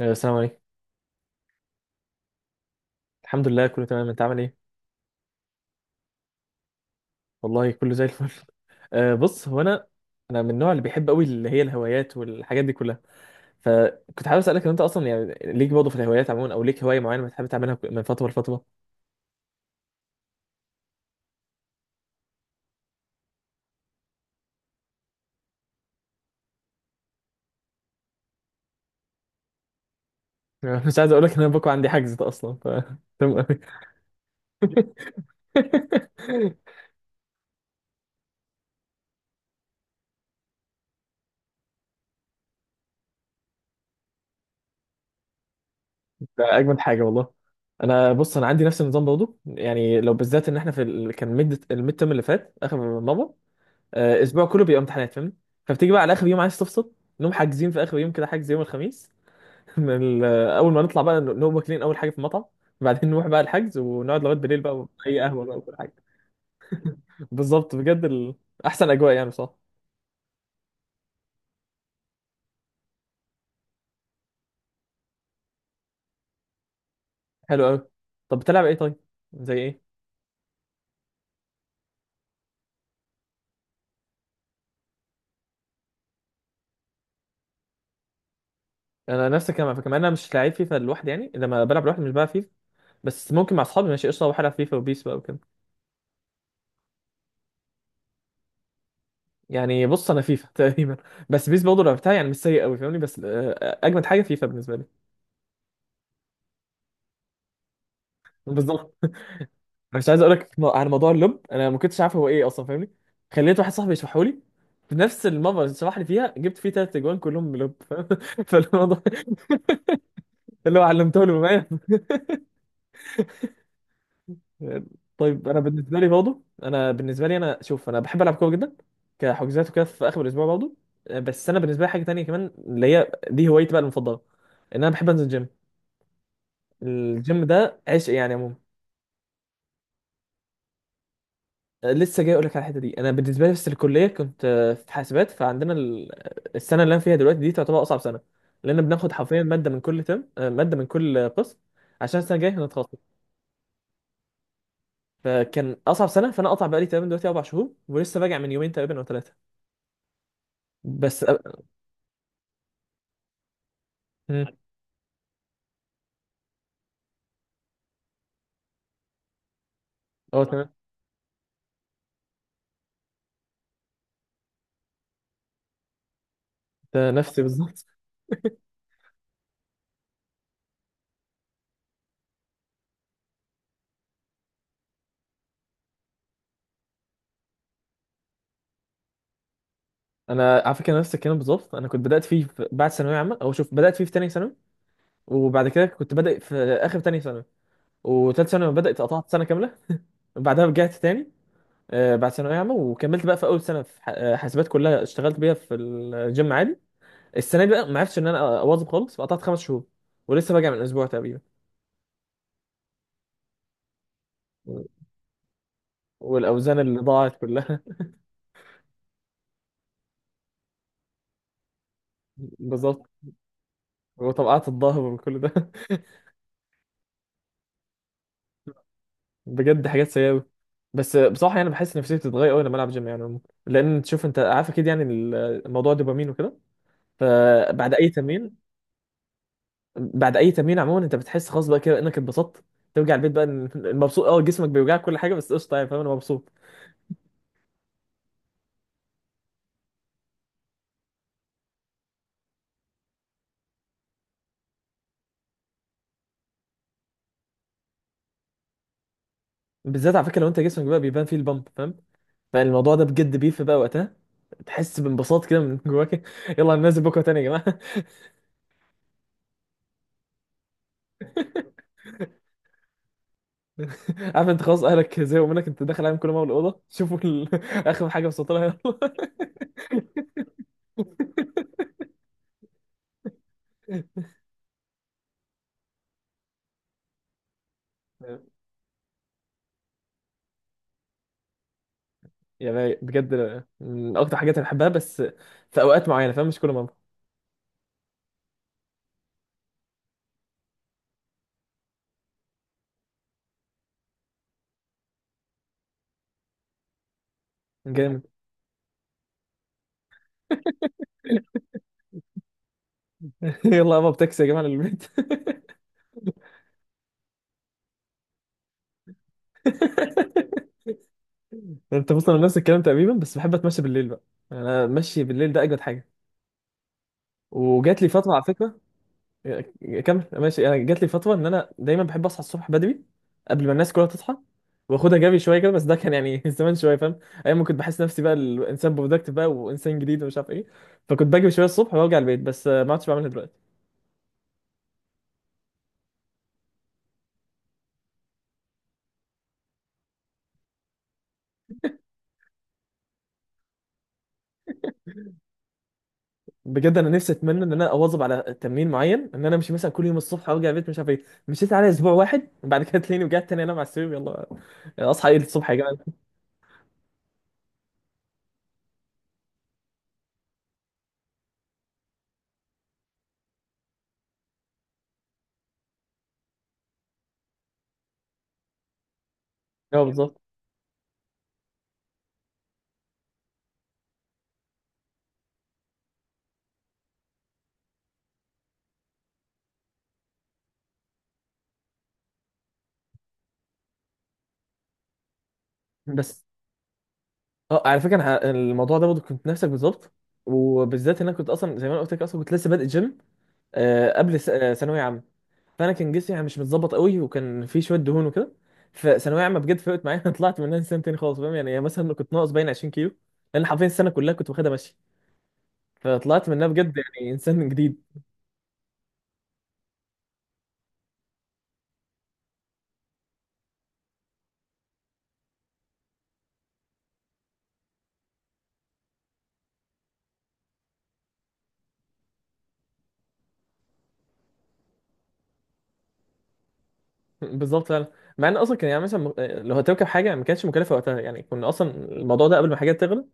السلام عليكم. الحمد لله، كله تمام. انت عامل ايه؟ والله كله زي الفل. بص، هو انا من النوع اللي بيحب قوي، اللي هي الهوايات والحاجات دي كلها. فكنت حابب اسالك ان انت اصلا يعني ليك برضه في الهوايات عموما، او ليك هوايه معينه بتحب تعملها من فتره لفتره. مش عايز اقول لك ان انا بكره عندي حجز ده اصلا، ف تمام قوي. ده اجمد حاجه والله. انا بص، انا عندي نفس النظام برضه، يعني لو بالذات ان احنا كان الميد ترم اللي فات اخر مره. اسبوع كله بيبقى امتحانات فاهمني. فبتيجي بقى على اخر يوم عايز تفصل. نقوم حاجزين في اخر يوم كده حجز يوم الخميس. من ال- آه، اول ما نطلع بقى نقوم واكلين اول حاجه في المطعم. وبعدين نروح بقى الحجز ونقعد لغايه بالليل بقى اي قهوه بقى وكل حاجه. بالظبط، بجد احسن اجواء يعني بصراحه. حلو قوي. طب بتلعب ايه طيب؟ زي ايه؟ انا نفس الكلام على فكره، مع إن انا مش لعيب فيفا لوحدي، يعني لما بلعب لوحدي مش بلعب فيفا. بس ممكن مع اصحابي ماشي قشطه، بروح العب فيفا وبيس بقى وكده. يعني بص انا فيفا تقريبا. بس بيس برضه لعبتها، يعني مش سيء قوي فاهمني، بس اجمد حاجه فيفا بالنسبه لي. بالظبط. انا مش عايز اقول لك على موضوع اللب، انا ما كنتش عارف هو ايه اصلا فاهمني. خليت واحد صاحبي يشرحه لي. في نفس المره اللي شرح لي فيها جبت فيه ثلاث اجوان كلهم من لب، فاهم؟ فالموضوع اللي هو علمته له معايا. طيب، انا بالنسبه لي برضه، انا بالنسبه لي، انا شوف، انا بحب العب كوره جدا، كحجوزات وكده في اخر الاسبوع برضه. بس انا بالنسبه لي حاجه تانية كمان اللي هي دي هوايتي بقى المفضله. ان انا بحب انزل الجيم. الجيم ده عشق يعني عموما. لسه جاي اقول لك على الحته دي. انا بالنسبه لي بس الكليه كنت في حاسبات، السنه اللي انا فيها دلوقتي دي تعتبر اصعب سنه. لان بناخد حرفيا ماده من كل ترم، ماده من كل قسم، عشان السنه الجايه هنتخصص. فكان اصعب سنه، فانا قطع بقالي تقريبا دلوقتي اربع شهور، ولسه راجع من يومين تقريبا او ثلاثه. بس أ- مم. اه، تمام. ده نفسي بالظبط. انا على فكره نفس الكلام بالظبط، انا كنت بدات فيه في بعد ثانويه عامه، او شوف، بدات فيه في ثانيه ثانوي. وبعد كده كنت بادئ في اخر ثانيه ثانوي، وثالث ثانوي بدات، قطعت سنه كامله. وبعدها رجعت تاني بعد ثانوية عامة، وكملت بقى في أول سنة في حاسبات كلها اشتغلت بيها في الجيم عادي. السنة دي بقى ما عرفتش إن أنا أواظب خالص، فقطعت خمس شهور، ولسه راجع من أسبوع تقريبا. والأوزان اللي ضاعت كلها. بالظبط. وطبقات الظهر وكل ده. بجد حاجات سيئة أوي. بس بصراحة يعني بحس نفسيتي بتتغير أوي لما ألعب جيم يعني عموماً. لأن تشوف، أنت عارف أكيد، يعني الموضوع دوبامين وكده. فبعد أي تمرين، بعد اي تمرين عموما انت بتحس خلاص بقى كده انك اتبسطت. ترجع البيت بقى مبسوط، اه، جسمك بيوجعك كل حاجه بس قشطه يعني، فاهم؟ انا مبسوط. بالذات على فكره لو انت جسمك بقى بيبان فيه البامب، فاهم؟ فالموضوع ده بجد بيفرق بقى وقتها. تحس بانبساط كده من جواك. يلا هننزل بكره تاني يا جماعه. عارف انت، خلاص اهلك زهقوا منك، انت داخل عليهم كل ما الاوضه شوفوا اخر حاجه وصلت لها. يلا. يا باي بجد. من اكتر حاجات اللي بحبها، بس في اوقات معينه، فاهم؟ مش كل مره. جامد. يلا يابا بتاكسي يا جماعه للبيت. انت بص، انا نفس الكلام تقريبا، بس بحب اتمشى بالليل بقى. يعني انا ماشي بالليل ده اجمد حاجه. وجات لي فتره على فكره. كمل ماشي. انا جات لي فتره ان انا دايما بحب اصحى الصبح بدري قبل ما الناس كلها تصحى، واخدها جري شويه كده، بس ده كان يعني زمان شويه، فاهم؟ ايام ما كنت بحس نفسي بقى الانسان برودكتيف بقى، وانسان جديد ومش عارف ايه. فكنت بجري شويه الصبح وارجع البيت، بس ما عدتش بعملها دلوقتي. بجد انا نفسي اتمنى ان انا اواظب على تمرين معين، ان انا امشي مثلا كل يوم الصبح وارجع البيت، مش عارف ايه، مشيت على اسبوع واحد بعد كده تلاقيني رجعت تاني انام على السرير، يلا اصحى ايه الصبح يا جماعه. اه، بالظبط. بس اه على فكره انا الموضوع ده برضه كنت نفسك بالظبط. وبالذات ان انا كنت اصلا زي ما انا قلت لك، اصلا كنت لسه بادئ جيم، آه، قبل س- آه، ثانويه عامه. فانا كان جسمي يعني مش متظبط قوي، وكان في شويه دهون وكده. فثانويه عامه بجد فرقت معايا. انا طلعت منها انسان تاني خالص، فاهم؟ يعني مثلا كنت ناقص باين 20 كيلو، لان حرفيا السنه كلها كنت واخدها ماشي. فطلعت منها بجد يعني انسان جديد. بالظبط فعلا. مع ان اصلا كان يعني مثلا لو هتركب حاجه ما كانتش مكلفه وقتها، يعني كنا اصلا الموضوع ده قبل ما حاجات تغلى،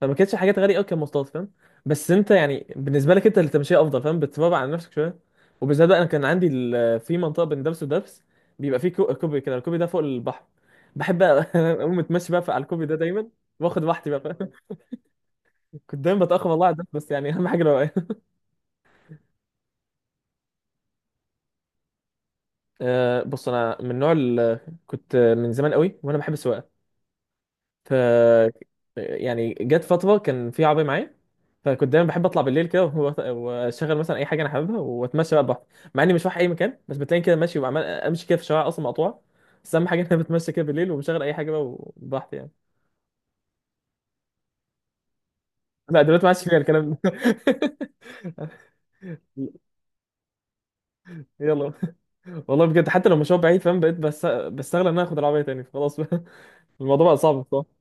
فما كانتش حاجات غاليه قوي كمواصلات، فاهم؟ بس انت يعني بالنسبه لك انت اللي تمشيها افضل، فاهم؟ بتتبع على نفسك شويه. وبالذات بقى انا كان عندي في منطقه بين دبس ودبس بيبقى فيه كوبري كده، الكوبري ده فوق البحر، بحب بقى اقوم متمشي بقى على الكوبري ده دايما. واخد راحتي بقى فاهم. كنت دايما بتاخر والله على الدرس، بس يعني اهم حاجه الوقايه. أه بص، انا من كنت من زمان قوي وانا بحب السواقه. ف يعني جت فترة كان في عربية معايا، فكنت دايما بحب اطلع بالليل كده واشغل مثلا اي حاجة انا حاببها، واتمشى بقى براحتي. مع اني مش رايح اي مكان، بس بتلاقيني كده ماشي وعمال امشي كده في شوارع اصلا مقطوعة. بس اهم حاجة ان انا بتمشى كده بالليل، وبشغل اي حاجة بقى وبراحتي يعني. لا دلوقتي ما عادش فيها الكلام ده. يلا. والله بجد، حتى لو مشوار بعيد فاهم، بقيت بس بستغل ان انا اخد العربية تاني خلاص بقى. الموضوع بقى صعب بصراحة.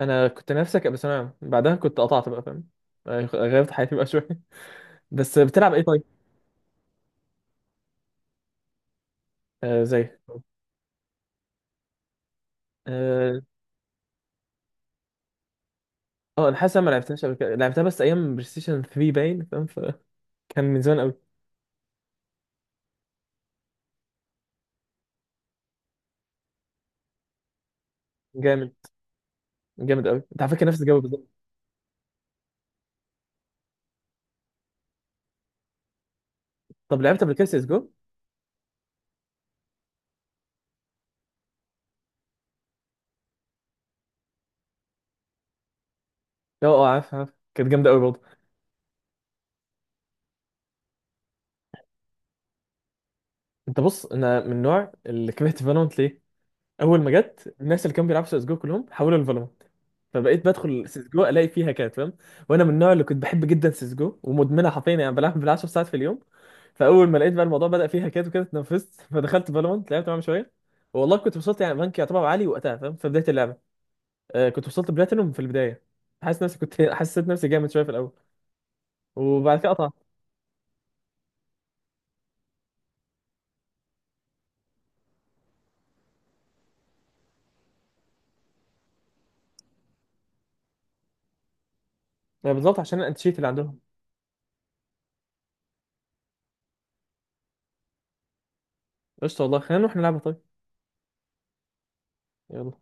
انا كنت نفسي ابقى ثانوي عام بعدها كنت قطعت بقى، فاهم؟ غيرت حياتي بقى شوية. بس بتلعب ايه طيب؟ آه زي. اه، انا حاسس أنا ما لعبتهاش قبل كده، لعبتها بس ايام بلاي ستيشن 3 باين، فاهم؟ فكان من زمان قوي. جامد. جامد قوي، انت على فكره نفس الجو بالظبط. طب لعبت قبل كده سي اس جو؟ لا، اه، اه، عارف عارف، كانت جامده قوي برضه. انت بص، انا من النوع اللي كرهت فالونت ليه؟ اول ما جت الناس اللي كانوا بيلعبوا سيسجو كلهم حولوا لفالورانت. فبقيت بدخل سيسجو الاقي فيها كات، فاهم؟ وانا من النوع اللي كنت بحب جدا سيسجو ومدمنها حرفيا، يعني بلعب بال10 ساعات في اليوم. فاول ما لقيت بقى الموضوع بدأ فيها كات وكده اتنفست. فدخلت فالورانت لعبت معاهم شويه. والله كنت وصلت يعني بنك يعتبر عالي وقتها فاهم، في بدايه اللعبه. آه، كنت وصلت بلاتينوم في البدايه. حاسس نفسي كنت حسيت نفسي جامد شويه في الاول. وبعد كده قطعت. بالظبط عشان الانتشيت اللي عندهم. قشطه والله، خلينا نروح نلعبها طيب. يلا.